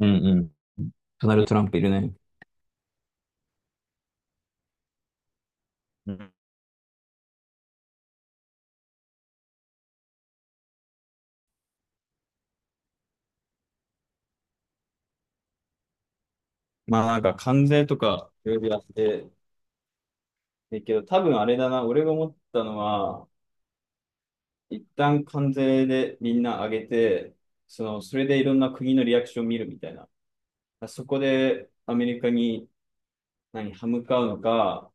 うんうん。ドナルド・トランプいるね。うん。まあなんか関税とかいろいろやってるけど、多分あれだな、俺が思ったのは、一旦関税でみんな上げて、それでいろんな国のリアクションを見るみたいな。そこでアメリカに何、歯向かうのか、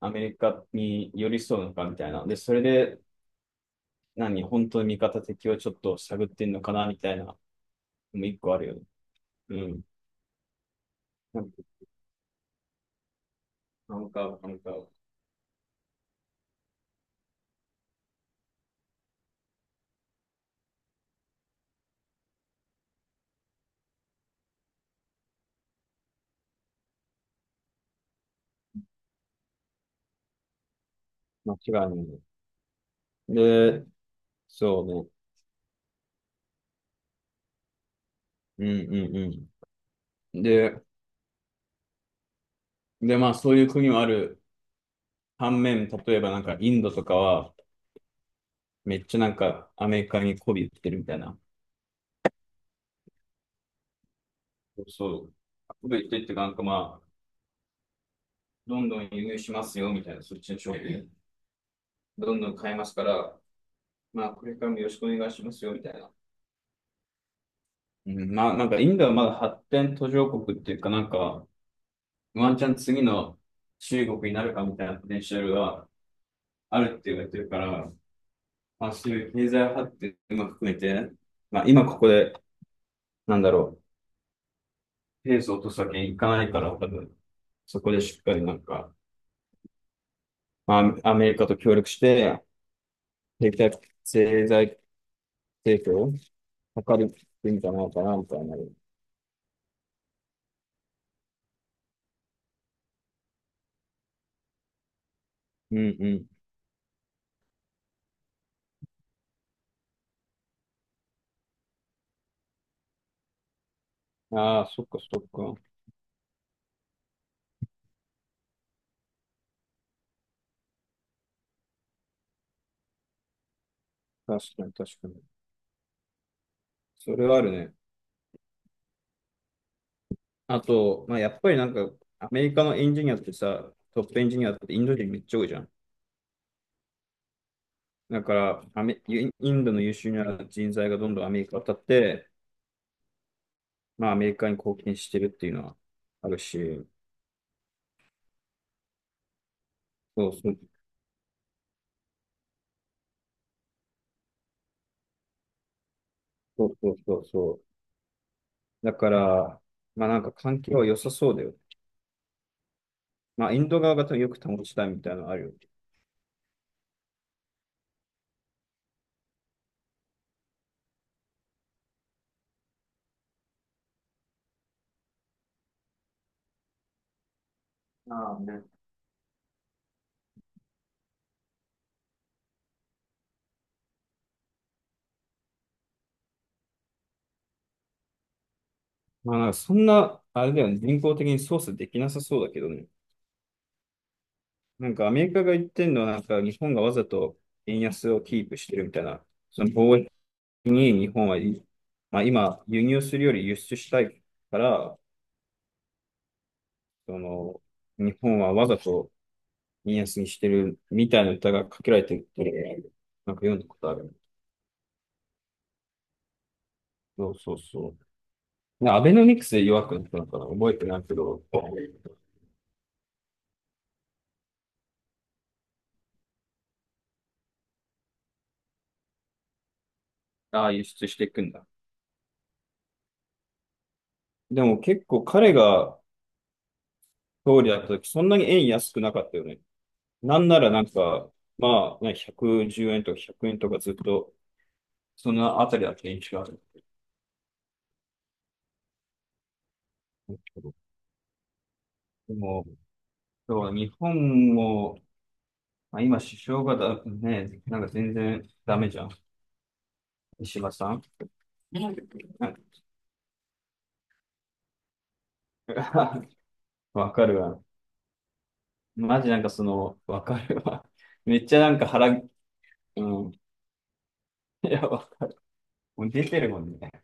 アメリカに寄り添うのかみたいな。で、それで何、本当に味方敵をちょっと探ってんのかなみたいな、もう一個あるよね。うん。なんか、なんか、間違いないね。で、そうね。うんうんうん。で、まあそういう国もある。反面、例えばなんかインドとかは、めっちゃなんかアメリカに媚び売ってるみたいな。そう。媚び売ってってか、なんかまあ、どんどん輸入しますよみたいな、そっちの商品。どんどん買いますから、まあこれからもよろしくお願いしますよみたいな。うん、まあなんかインドはまだ発展途上国っていうか、なんか、ワンチャン次の中国になるかみたいなポテンシャルがあるって言われてるから、まあ、そういう経済発展も含めて、まあ、今ここで、なんだろう、ペースを落とすわけにいかないから、多分、そこでしっかりなんか、まあ、アメリカと協力して、経済、経済成長を図るってんじゃないかな、みたいな。うんうん。ああ、そっかそっか。確かに確かに。それはあるね。あと、まあ、やっぱりなんか、アメリカのエンジニアってさ、トップエンジニアってインド人めっちゃ多いじゃん。だから、アメ、インインドの優秀な人材がどんどんアメリカ渡って、まあ、アメリカに貢献してるっていうのはあるし、そうそうそうそうそうそう。だから、まあなんか環境は良さそうだよ。まあ、インド側がよく保ちたいみたいなのあるよ。ああね。まあなんかそんな、あれだよね、人工的に操作できなさそうだけどね。なんかアメリカが言ってんのは、なんか日本がわざと円安をキープしてるみたいな、その貿易に日本はまあ今、輸入するより輸出したいから、その、日本はわざと見やすぎしてるみたいな歌がかけられてるっていうのをなんか読んだことある。そうそうそう。でアベノミクスで弱くなったのかな覚えてないけど、ああ、輸出していくんだ。でも結構彼が総理だった時、そんなに円安くなかったよね。なんならなんか、まあ、ね、110円とか100円とかずっと、そのあたりだった印象ある。でも、そうだ日本も、まあ、今首相がだ、ね、なんか全然ダメじゃん。石破さん。なんか わかるわ。マジなんかその、わかるわ。めっちゃなんか腹、うん。いや、もう出てるもんね。だか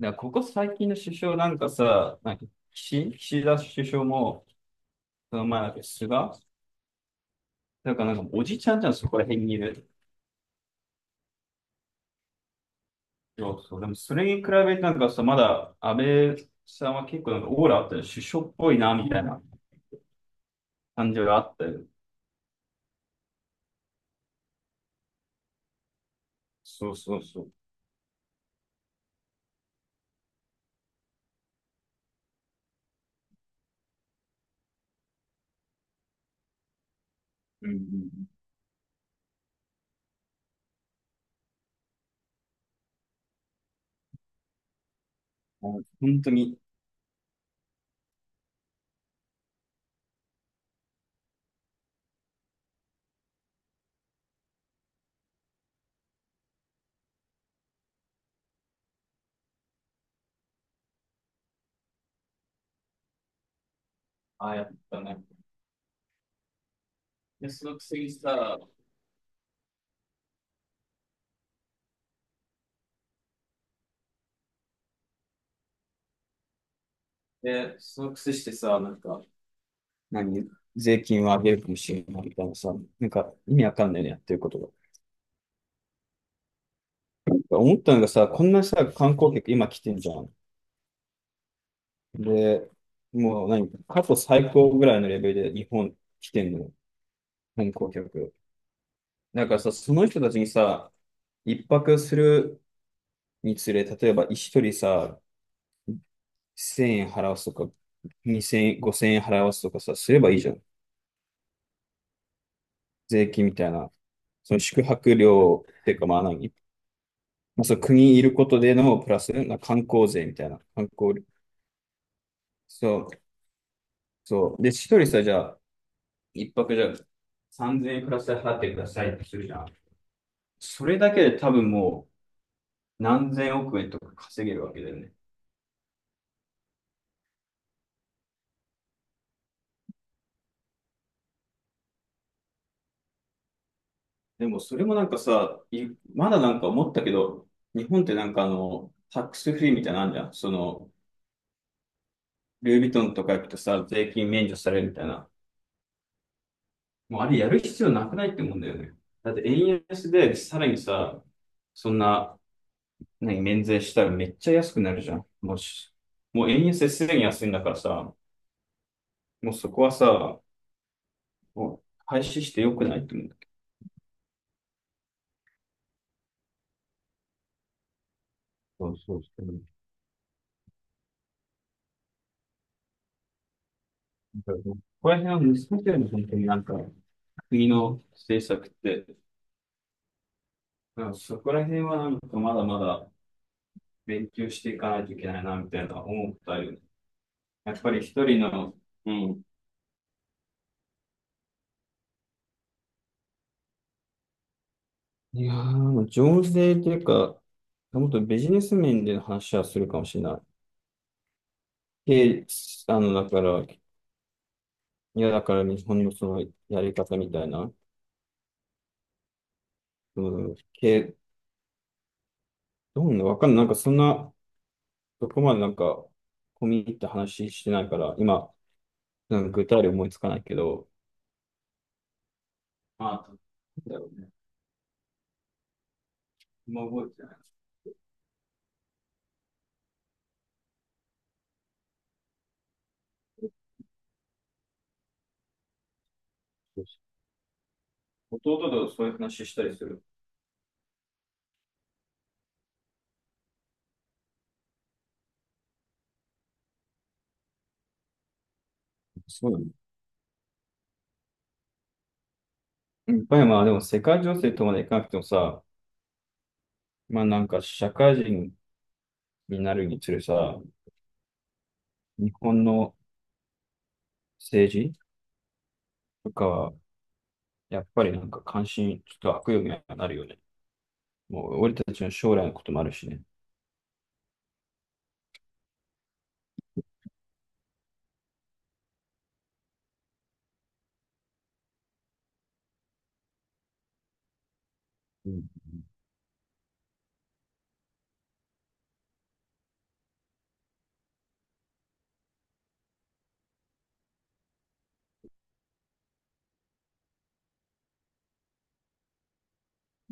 らここ最近の首相なんかさ、なんか岸田首相も、その前だっけ、菅なんかなんかおじちゃんじゃん、そこら辺にいる。そうそう。でもそれに比べてなんかさ、まだ安倍さんは結構なんかオーラあったよ。首相っぽいな、みたいな感じがあったよ。そうそうそう。うんうんうん。もう本当に、ああやったね。で、その次さ、で、その癖してさ、なんか、何税金を上げるかもしれないみたいなさ、なんか意味わかんないね、やってることが。なんか思ったのがさ、こんなさ、観光客今来てんじゃん。で、もう何、過去最高ぐらいのレベルで日本来てんの、観光客。だからさ、その人たちにさ、一泊するにつれ、例えば一人さ、1000円払わすとか、2000 5000円払わすとかさ、すればいいじゃん。税金みたいな。その宿泊料っていうか、まあ何、まあ、そう、国にいることでのプラス、なんか観光税みたいな。観光、そう、そう。で、一人さ、じゃあ、一泊じゃあ、3000円プラスで払ってくださいってするじゃん。それだけで多分もう何千億円とか稼げるわけだよね。でもそれもなんかさ、いまだなんか思ったけど、日本ってなんかタックスフリーみたいなのあんじゃん。その、ルイ・ヴィトンとか行くとさ、税金免除されるみたいな。もうあれやる必要なくないって思うんだよね。だって円安でさらにさ、そんな、何、免税したらめっちゃ安くなるじゃん。もし、もう円安すでに安いんだからさ、もうそこはさ、もう廃止してよくないって思うんだけど。そうそうそう。なんかここら辺は難しいよね、本当になんか、国の政策って。なんかそこら辺はなんかまだまだ勉強していかないといけないな、みたいな思ったよね。やっぱり一人の、うん。いやー、もう増税というか、もっとビジネス面での話はするかもしれない。で、だから、いや、だから日本のそのやり方みたいな、うん、どんな、わかんない。なんかそんな、そこまでなんか、込み入った話してないから、今、なんか具体例思いつかないけど、ああ、なんだろうね。今覚えてない。そうそう弟とそういう話したりする。そうだね。やっぱりまあでも世界情勢とまでいかなくてもさ、まあなんか社会人になるにつれさ、日本の政治とかは、やっぱりなんか関心、ちょっと悪用にはなるよね。もう俺たちの将来のこともあるしね。うん。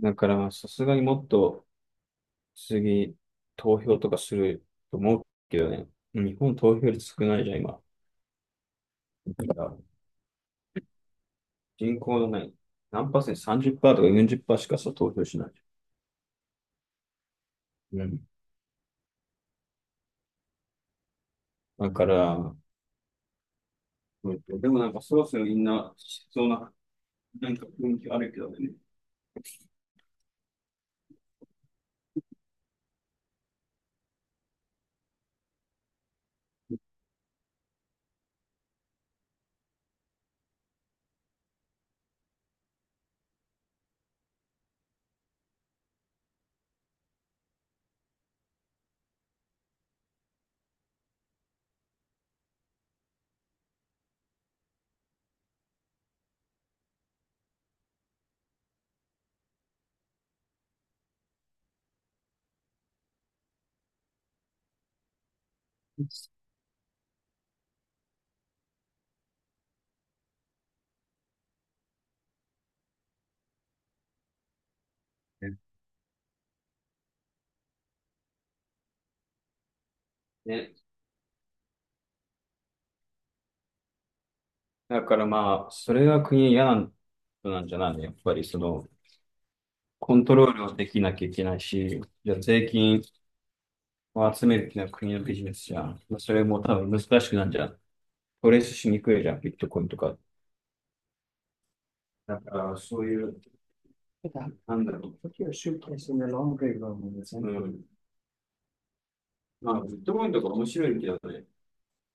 だからまあ、さすがにもっと次、投票とかすると思うけどね。日本投票率少ないじゃん、今。だから人口のない何パーセント、30%とか40%しかさ、投票しないじゃん。うん。だから、うんでもなんかそろそろみんな、しそうな、なんか雰囲気あるけどね。ねね。だからまあ、それが国嫌なんなんじゃないのやっぱりその、コントロールをできなきゃいけないし、じゃあ税金を集めるっていうのは国のビジネスじゃん。まあ、それも多分難しくなんじゃん。トレースしにくいじゃん、ビットコインとか。だからそういう、なんだろう。うん。まあ、ビットコインとか面白いけどね。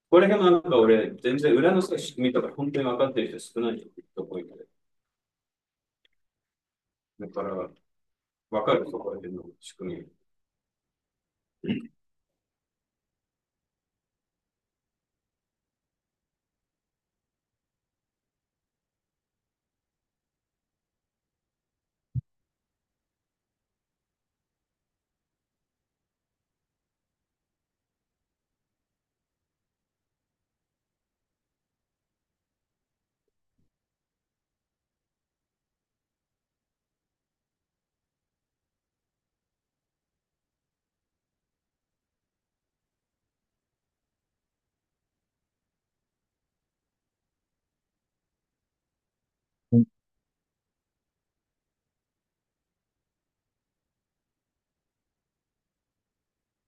これ辺もなんか俺、全然裏のさ、仕組みとか本当に分かってる人少ないよ、ビットコインで。だから、分かるところ辺の仕組み。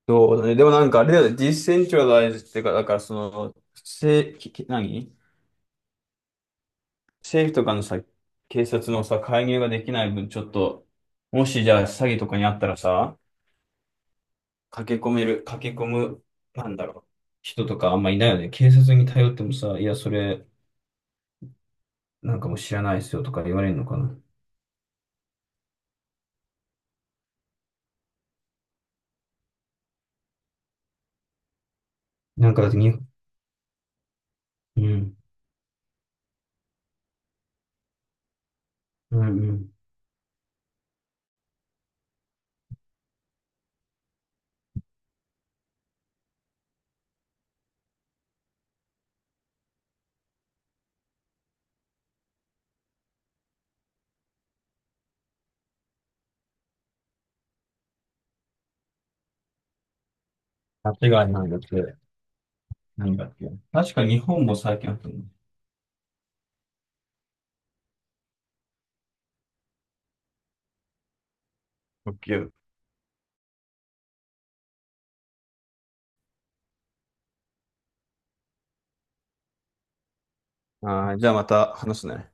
そうだね。でもなんかあれだよね、ディセントラライズっていうか、だからその、せ、き、き何政府とかのさ、警察のさ、介入ができない分、ちょっと、もしじゃあ詐欺とかにあったらさ、駆け込める、駆け込む、なんだろう、人とかあんまいないよね。警察に頼ってもさ、いや、それ、なんかもう知らないっすよとか言われるのかな。なんかだってに、うん、うん、うん。間違いないだって、なんだっけ。確か日本も最近あったの。オッケー。ああ、じゃあまた話すね。